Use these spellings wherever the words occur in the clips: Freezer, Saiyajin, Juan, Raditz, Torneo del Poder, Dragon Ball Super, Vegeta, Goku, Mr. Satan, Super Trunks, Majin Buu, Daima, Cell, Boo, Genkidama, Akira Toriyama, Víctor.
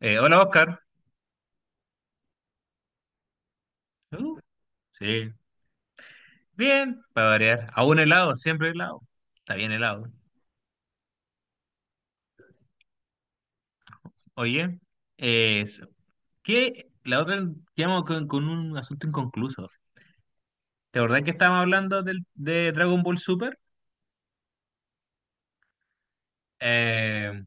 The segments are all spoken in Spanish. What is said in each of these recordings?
Hola Oscar. Uh, sí, bien, para variar. A un helado, siempre helado. Está bien helado. Oye, eh, ¿qué? La otra quedamos con un asunto inconcluso. ¿Te acordás que estábamos hablando de Dragon Ball Super? Eh,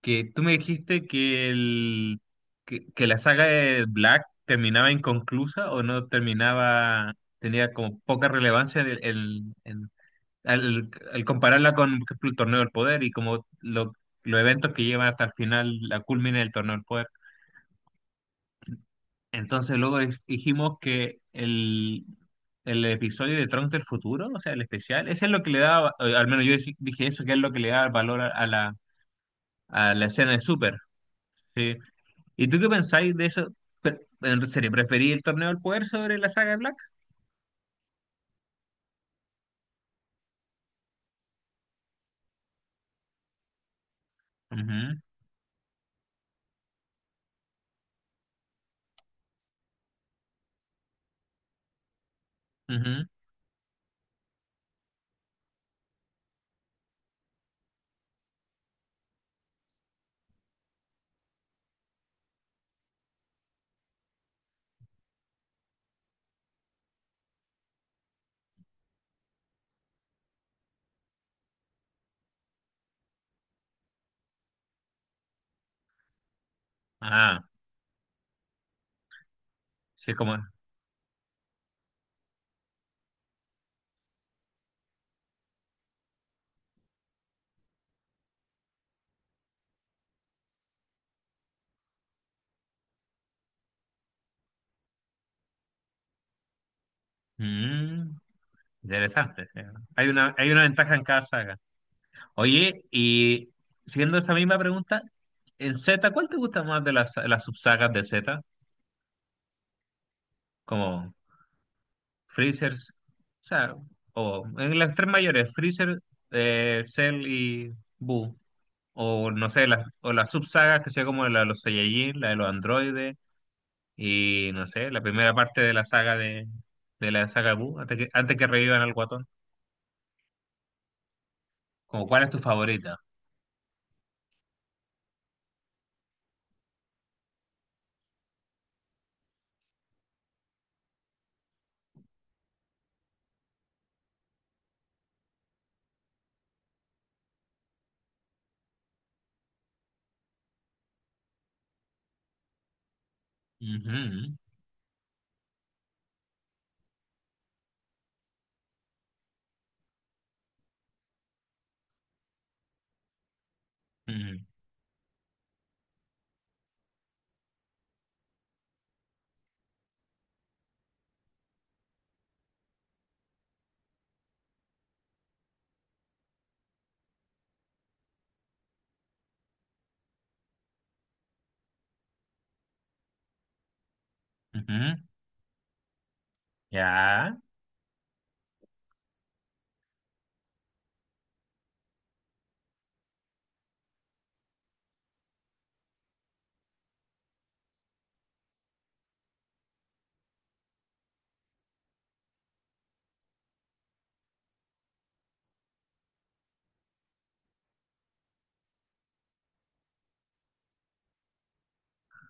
que tú me dijiste que la saga de Black terminaba inconclusa o no terminaba, tenía como poca relevancia en, el- en- al compararla con, por ejemplo, el Torneo del Poder y los eventos que llevan hasta el final, la culmina del Torneo del Poder. Entonces dijimos el episodio de Trunks del futuro, o sea, el especial, ese es lo que le daba, al menos dije eso, que es lo que le da valor a la escena de Super. ¿Sí? ¿Y tú qué pensáis de eso? En serio, ¿preferí el Torneo del Poder sobre la saga de Black? Ujú, ujú. Ah, sí, es como... mm, interesante. Sí, ¿no? Hay una ventaja en cada saga. Oye, y siguiendo esa misma pregunta, en Z, ¿cuál te gusta más de las subsagas de Z? Como Freezers, o sea, o en las tres mayores, Freezer, Cell y Boo. O no sé, las, o las subsagas que sea como la de los Saiyajin, la de los androides, y no sé, la primera parte de de, la saga Boo, antes que revivan al guatón. Como, ¿cuál es tu favorita? Ujú, ujú, ujú. Ya,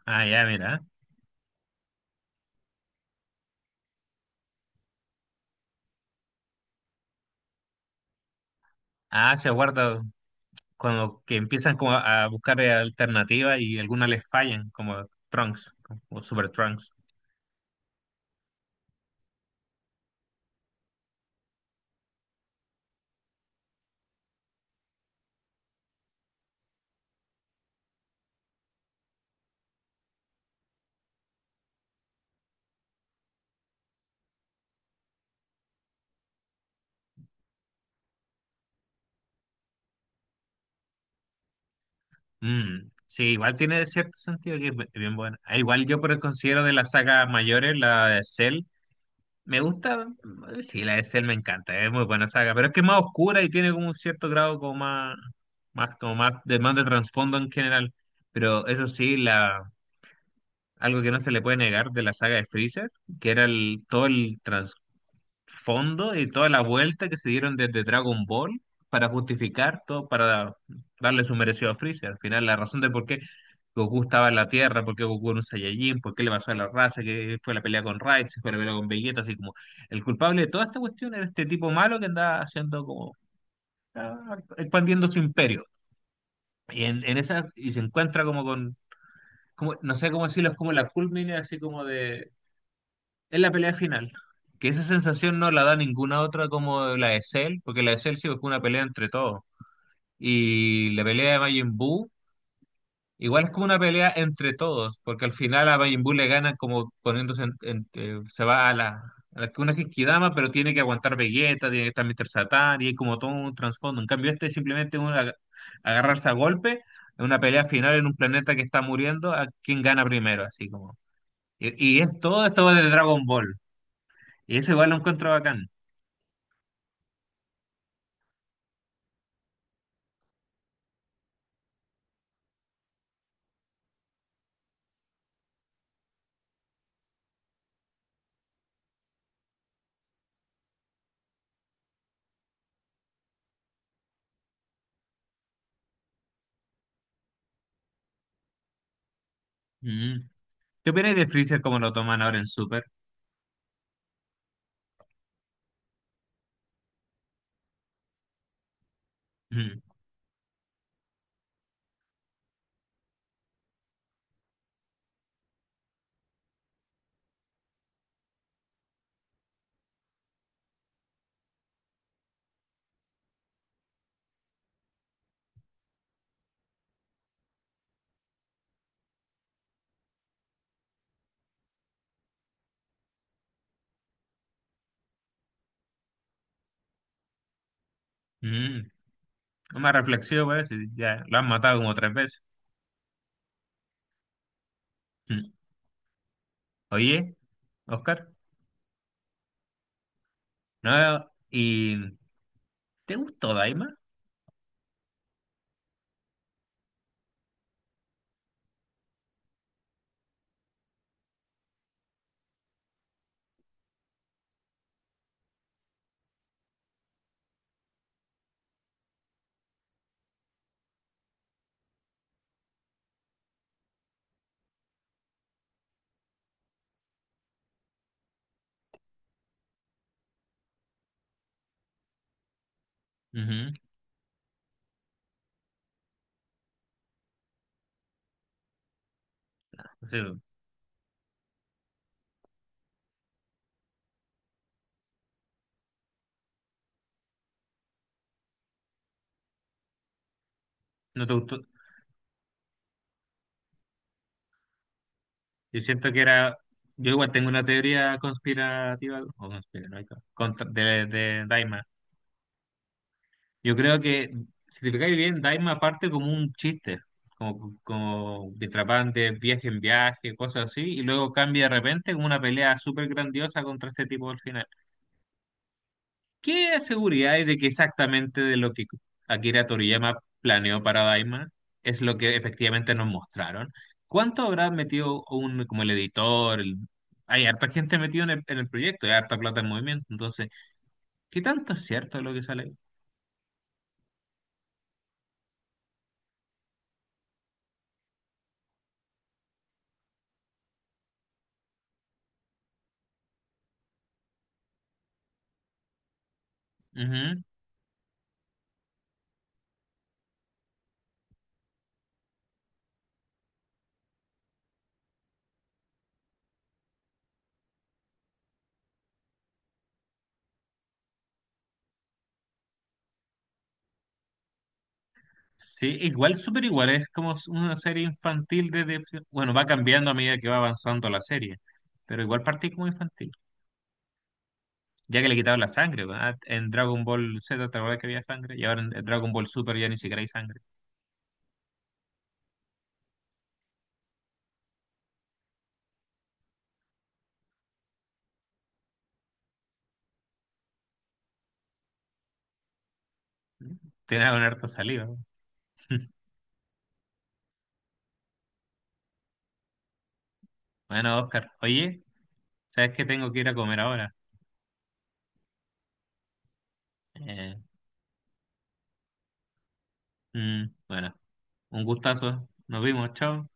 ah, ya, mira. Ah, se guarda cuando que empiezan como a buscar alternativas y algunas les fallan, como Trunks o Super Trunks. Mm, sí, igual tiene cierto sentido que es bien buena. Ah, igual yo por el considero de las sagas mayores, la de Cell, me gusta, sí, la de Cell me encanta, es muy buena saga, pero es que es más oscura y tiene como un cierto grado como más de trasfondo en general. Pero eso sí, algo que no se le puede negar de la saga de Freezer, que era el, todo el trasfondo fondo y toda la vuelta que se dieron desde Dragon Ball para justificar todo, para darle su merecido a Freezer. Al final, la razón de por qué Goku estaba en la Tierra, por qué Goku era un Saiyajin, por qué le pasó a la raza, que fue la pelea con Raditz, fue la pelea con Vegeta, así como el culpable de toda esta cuestión era este tipo malo que andaba haciendo como ah, expandiendo su imperio. Y en esa, y se encuentra como con, como, no sé cómo decirlo, es como la culmine así como de es la pelea final. Que esa sensación no la da ninguna otra como la de Cell, porque la de Cell sí fue una pelea entre todos. Y la pelea de Majin Buu, igual es como una pelea entre todos, porque al final a Majin Buu le ganan como poniéndose, se va a la, una Genkidama, pero tiene que aguantar Vegeta, tiene que estar Mr. Satan, y hay como todo un trasfondo. En cambio, este es simplemente una, agarrarse a golpe, en una pelea final en un planeta que está muriendo, a quién gana primero, así como. Y es todo esto de Dragon Ball. Y eso igual lo encuentro bacán. Mm. ¿Qué opináis de Freezer como lo toman ahora en Super? Mm. Mm. Una reflexión parece, ya lo han matado como tres veces. Mm. Oye, Oscar, ¿no? ¿Y te gustó Daima? Ujú. O sea, no te gustó. Yo siento que era. Yo igual tengo una teoría conspirativa o conspiranoica de Daima. Yo creo que, si te fijáis bien, Daima parte como un chiste, como, como de trapantes, viaje en viaje, cosas así, y luego cambia de repente como una pelea súper grandiosa contra este tipo al final. ¿Qué seguridad hay de que exactamente de lo que Akira Toriyama planeó para Daima es lo que efectivamente nos mostraron? ¿Cuánto habrá metido un, como el editor? El- Hay harta gente metida en el proyecto, hay harta plata en movimiento, entonces, ¿qué tanto es cierto de lo que sale ahí? Ujú. Sí, igual súper igual, es como una serie infantil desde, bueno, va cambiando a medida que va avanzando la serie, pero igual partí como infantil, ya que le quitaron la sangre, ¿verdad? En Dragon Ball Z, ¿te acuerdas que había sangre? Y ahora en Dragon Ball Super ya ni siquiera hay sangre. Tiene una harta saliva. ¿No? Bueno, Oscar, oye, ¿sabes que tengo que ir a comer ahora? Eh, bueno, un gustazo, nos vimos, chao.